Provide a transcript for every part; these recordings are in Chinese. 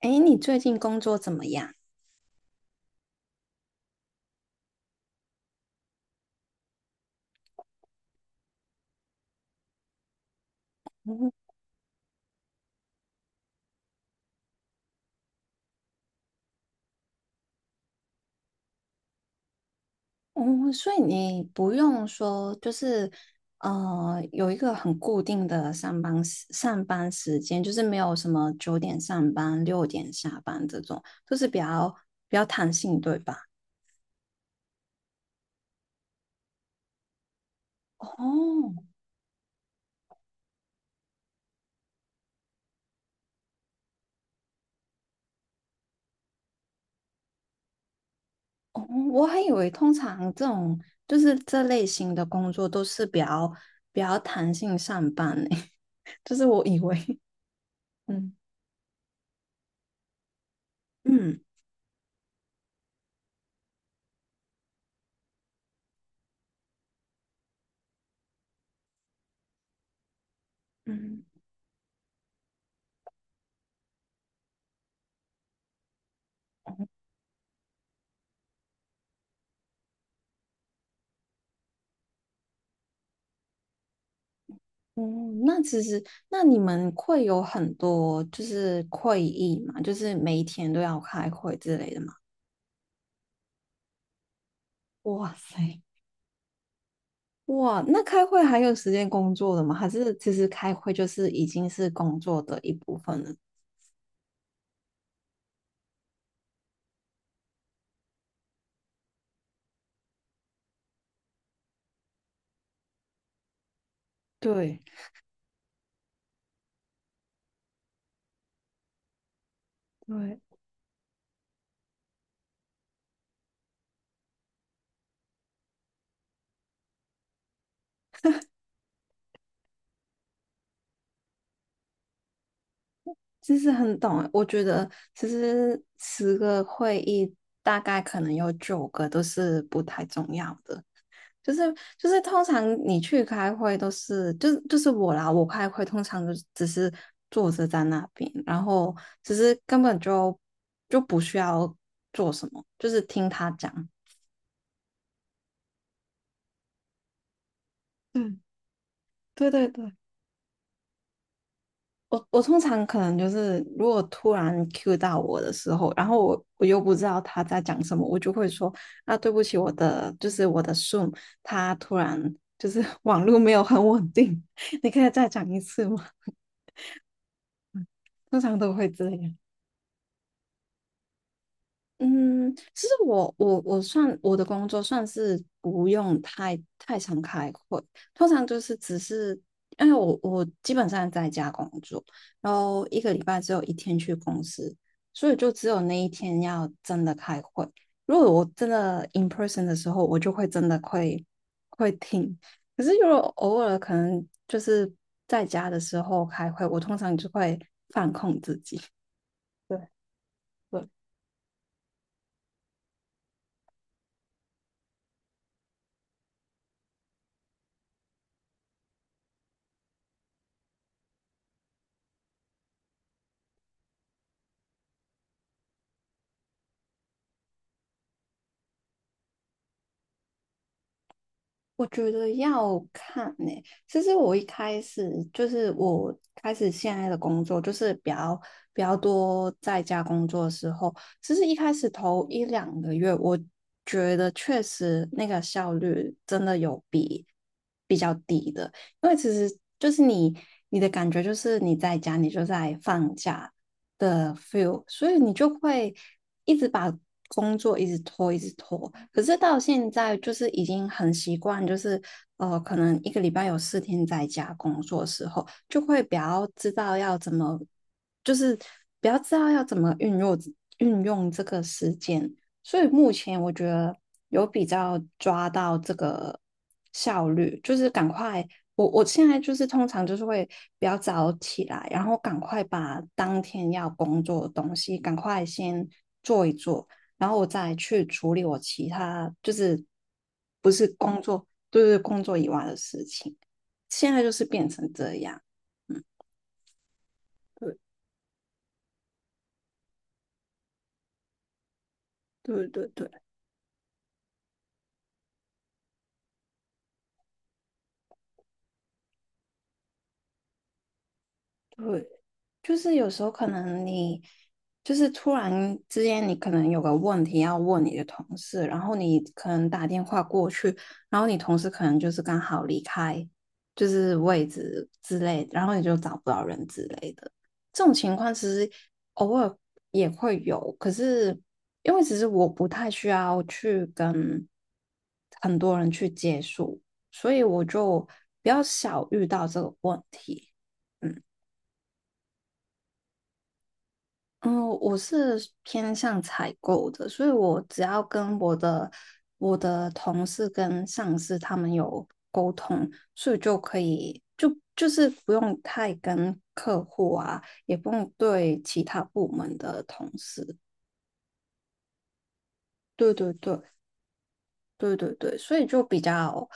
哎，你最近工作怎么样？嗯嗯，所以你不用说，就是有一个很固定的上班时间，就是没有什么9点上班、6点下班这种，就是比较弹性，对吧？哦哦，我还以为通常这种就是这类型的工作都是比较弹性上班呢，就是我以为，嗯嗯嗯。嗯，那其实，那你们会有很多就是会议嘛，就是每一天都要开会之类的嘛？哇塞，哇，那开会还有时间工作的吗？还是其实开会就是已经是工作的一部分了？对对，其实很懂欸我觉得其实10个会议大概可能有9个都是不太重要的，就是就是通常你去开会都是，就是我啦，我开会通常就只是坐着在那边，然后只是根本就不需要做什么，就是听他讲。嗯，对对对，我我通常可能就是，如果突然 Q 到我的时候，然后我又不知道他在讲什么，我就会说啊，对不起，我的就是我的 Zoom，他突然就是 网络没有很稳定，你可以再讲一次吗？通常都会这样。嗯，其实我算我的工作算是不用太常开会，通常就是只是因为我基本上在家工作，然后一个礼拜只有一天去公司，所以就只有那一天要真的开会。如果我真的 in person 的时候，我就会真的会听。可是如果偶尔可能就是在家的时候开会，我通常就会。对。我觉得要看呢、其实我一开始就是我开始现在的工作，就是比较多在家工作的时候，其实一开始头1两个月，我觉得确实那个效率真的有比较低的，因为其实就是你的感觉就是你在家，你就在放假，的 feel，所以你就会一直把工作一直拖，一直拖。可是到现在就是已经很习惯，就是可能一个礼拜有4天在家工作的时候，就会比较知道要怎么，就是比较知道要怎么运用这个时间。所以目前我觉得有比较抓到这个效率，就是赶快我现在就是通常就是会比较早起来，然后赶快把当天要工作的东西赶快先做一做，然后我再去处理我其他就是不是工作，就是工作以外的事情。现在就是变成这样，嗯，对对对对对，就是有时候可能你就是突然之间，你可能有个问题要问你的同事，然后你可能打电话过去，然后你同事可能就是刚好离开，就是位置之类的然后你就找不到人之类的。这种情况其实偶尔也会有，可是因为其实我不太需要去跟很多人去接触，所以我就比较少遇到这个问题。嗯。嗯，我是偏向采购的，所以我只要跟我的同事跟上司他们有沟通，所以就可以就是不用太跟客户啊，也不用对其他部门的同事。对对对，对对对，所以就比较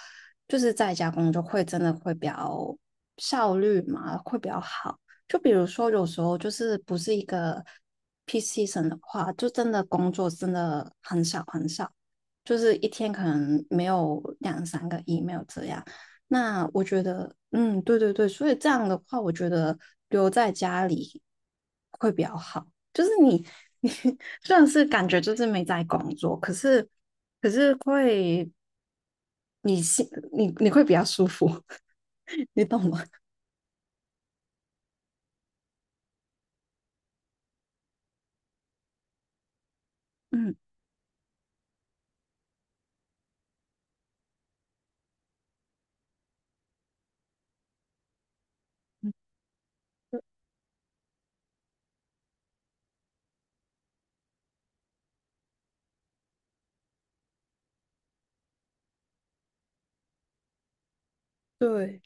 就是在家工作会真的会比较效率嘛，会比较好。就比如说有时候就是不是一个 p e a season 的话，就真的工作真的很少很少，就是一天可能没有两三个 email 这样。那我觉得，嗯，对对对，所以这样的话，我觉得留在家里会比较好。就是你 你虽然是感觉就是没在工作，可是可是会你心你会比较舒服，你懂吗？嗯，对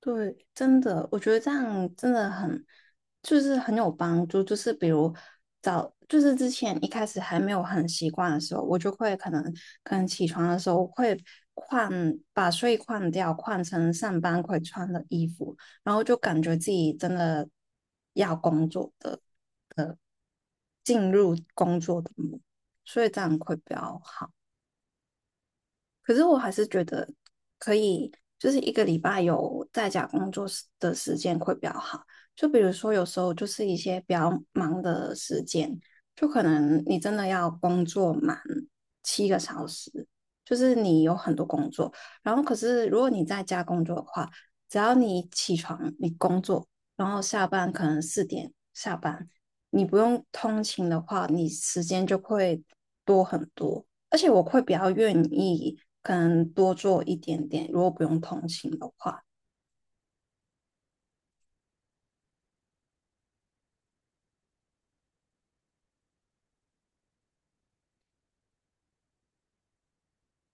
对，真的，我觉得这样真的很就是很有帮助。就是比如早就是之前一开始还没有很习惯的时候，我就会可能起床的时候会换把睡衣换掉，换成上班会穿的衣服。然后就感觉自己真的要工作的进入工作的模，所以这样会比较好。可是我还是觉得可以，就是一个礼拜有在家工作时的时间会比较好。就比如说，有时候就是一些比较忙的时间，就可能你真的要工作满7个小时，就是你有很多工作。然后，可是如果你在家工作的话，只要你起床，你工作，然后下班可能4点下班，你不用通勤的话，你时间就会多很多。而且我会比较愿意，可能多做一点点，如果不用通勤的话，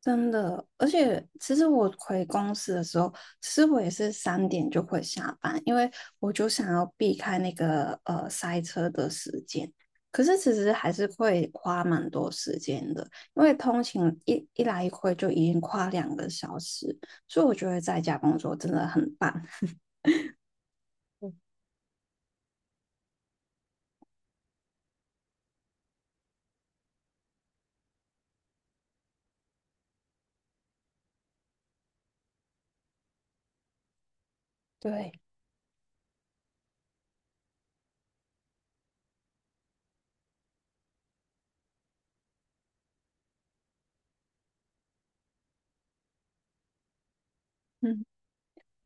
真的。而且其实我回公司的时候，其实我也是3点就会下班，因为我就想要避开那个塞车的时间。可是其实还是会花蛮多时间的，因为通勤一来一回就已经花2个小时，所以我觉得在家工作真的很棒。对，嗯，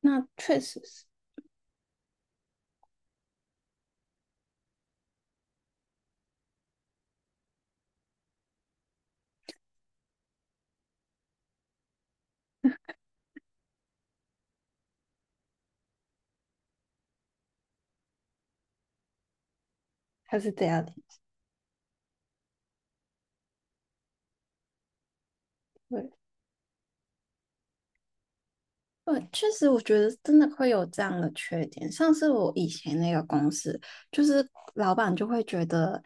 那确实是，还是这样的。对，对，确实，我觉得真的会有这样的缺点。像是我以前那个公司，就是老板就会觉得，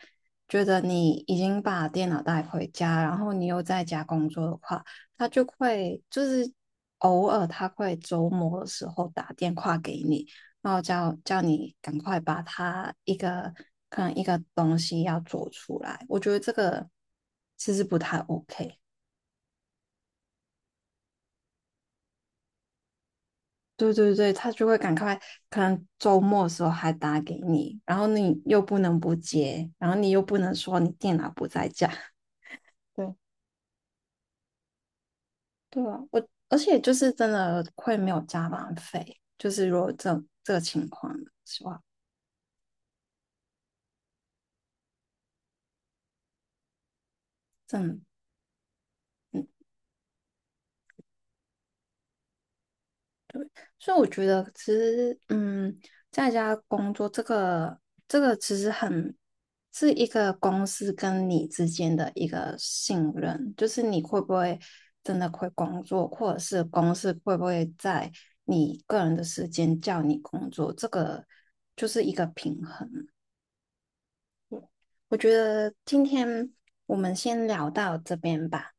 觉得你已经把电脑带回家，然后你又在家工作的话，他就会就是偶尔他会周末的时候打电话给你，然后叫你赶快把他一个可能一个东西要做出来。我觉得这个其实不太 OK。对对对，他就会赶快，可能周末的时候还打给你，然后你又不能不接，然后你又不能说你电脑不在家。对对啊，我而且就是真的会没有加班费，就是如果这个情况的话，真的嗯所以我觉得其实，嗯，在家工作这个其实很是一个公司跟你之间的一个信任，就是你会不会真的会工作，或者是公司会不会在你个人的时间叫你工作，这个就是一个平衡。我觉得今天我们先聊到这边吧。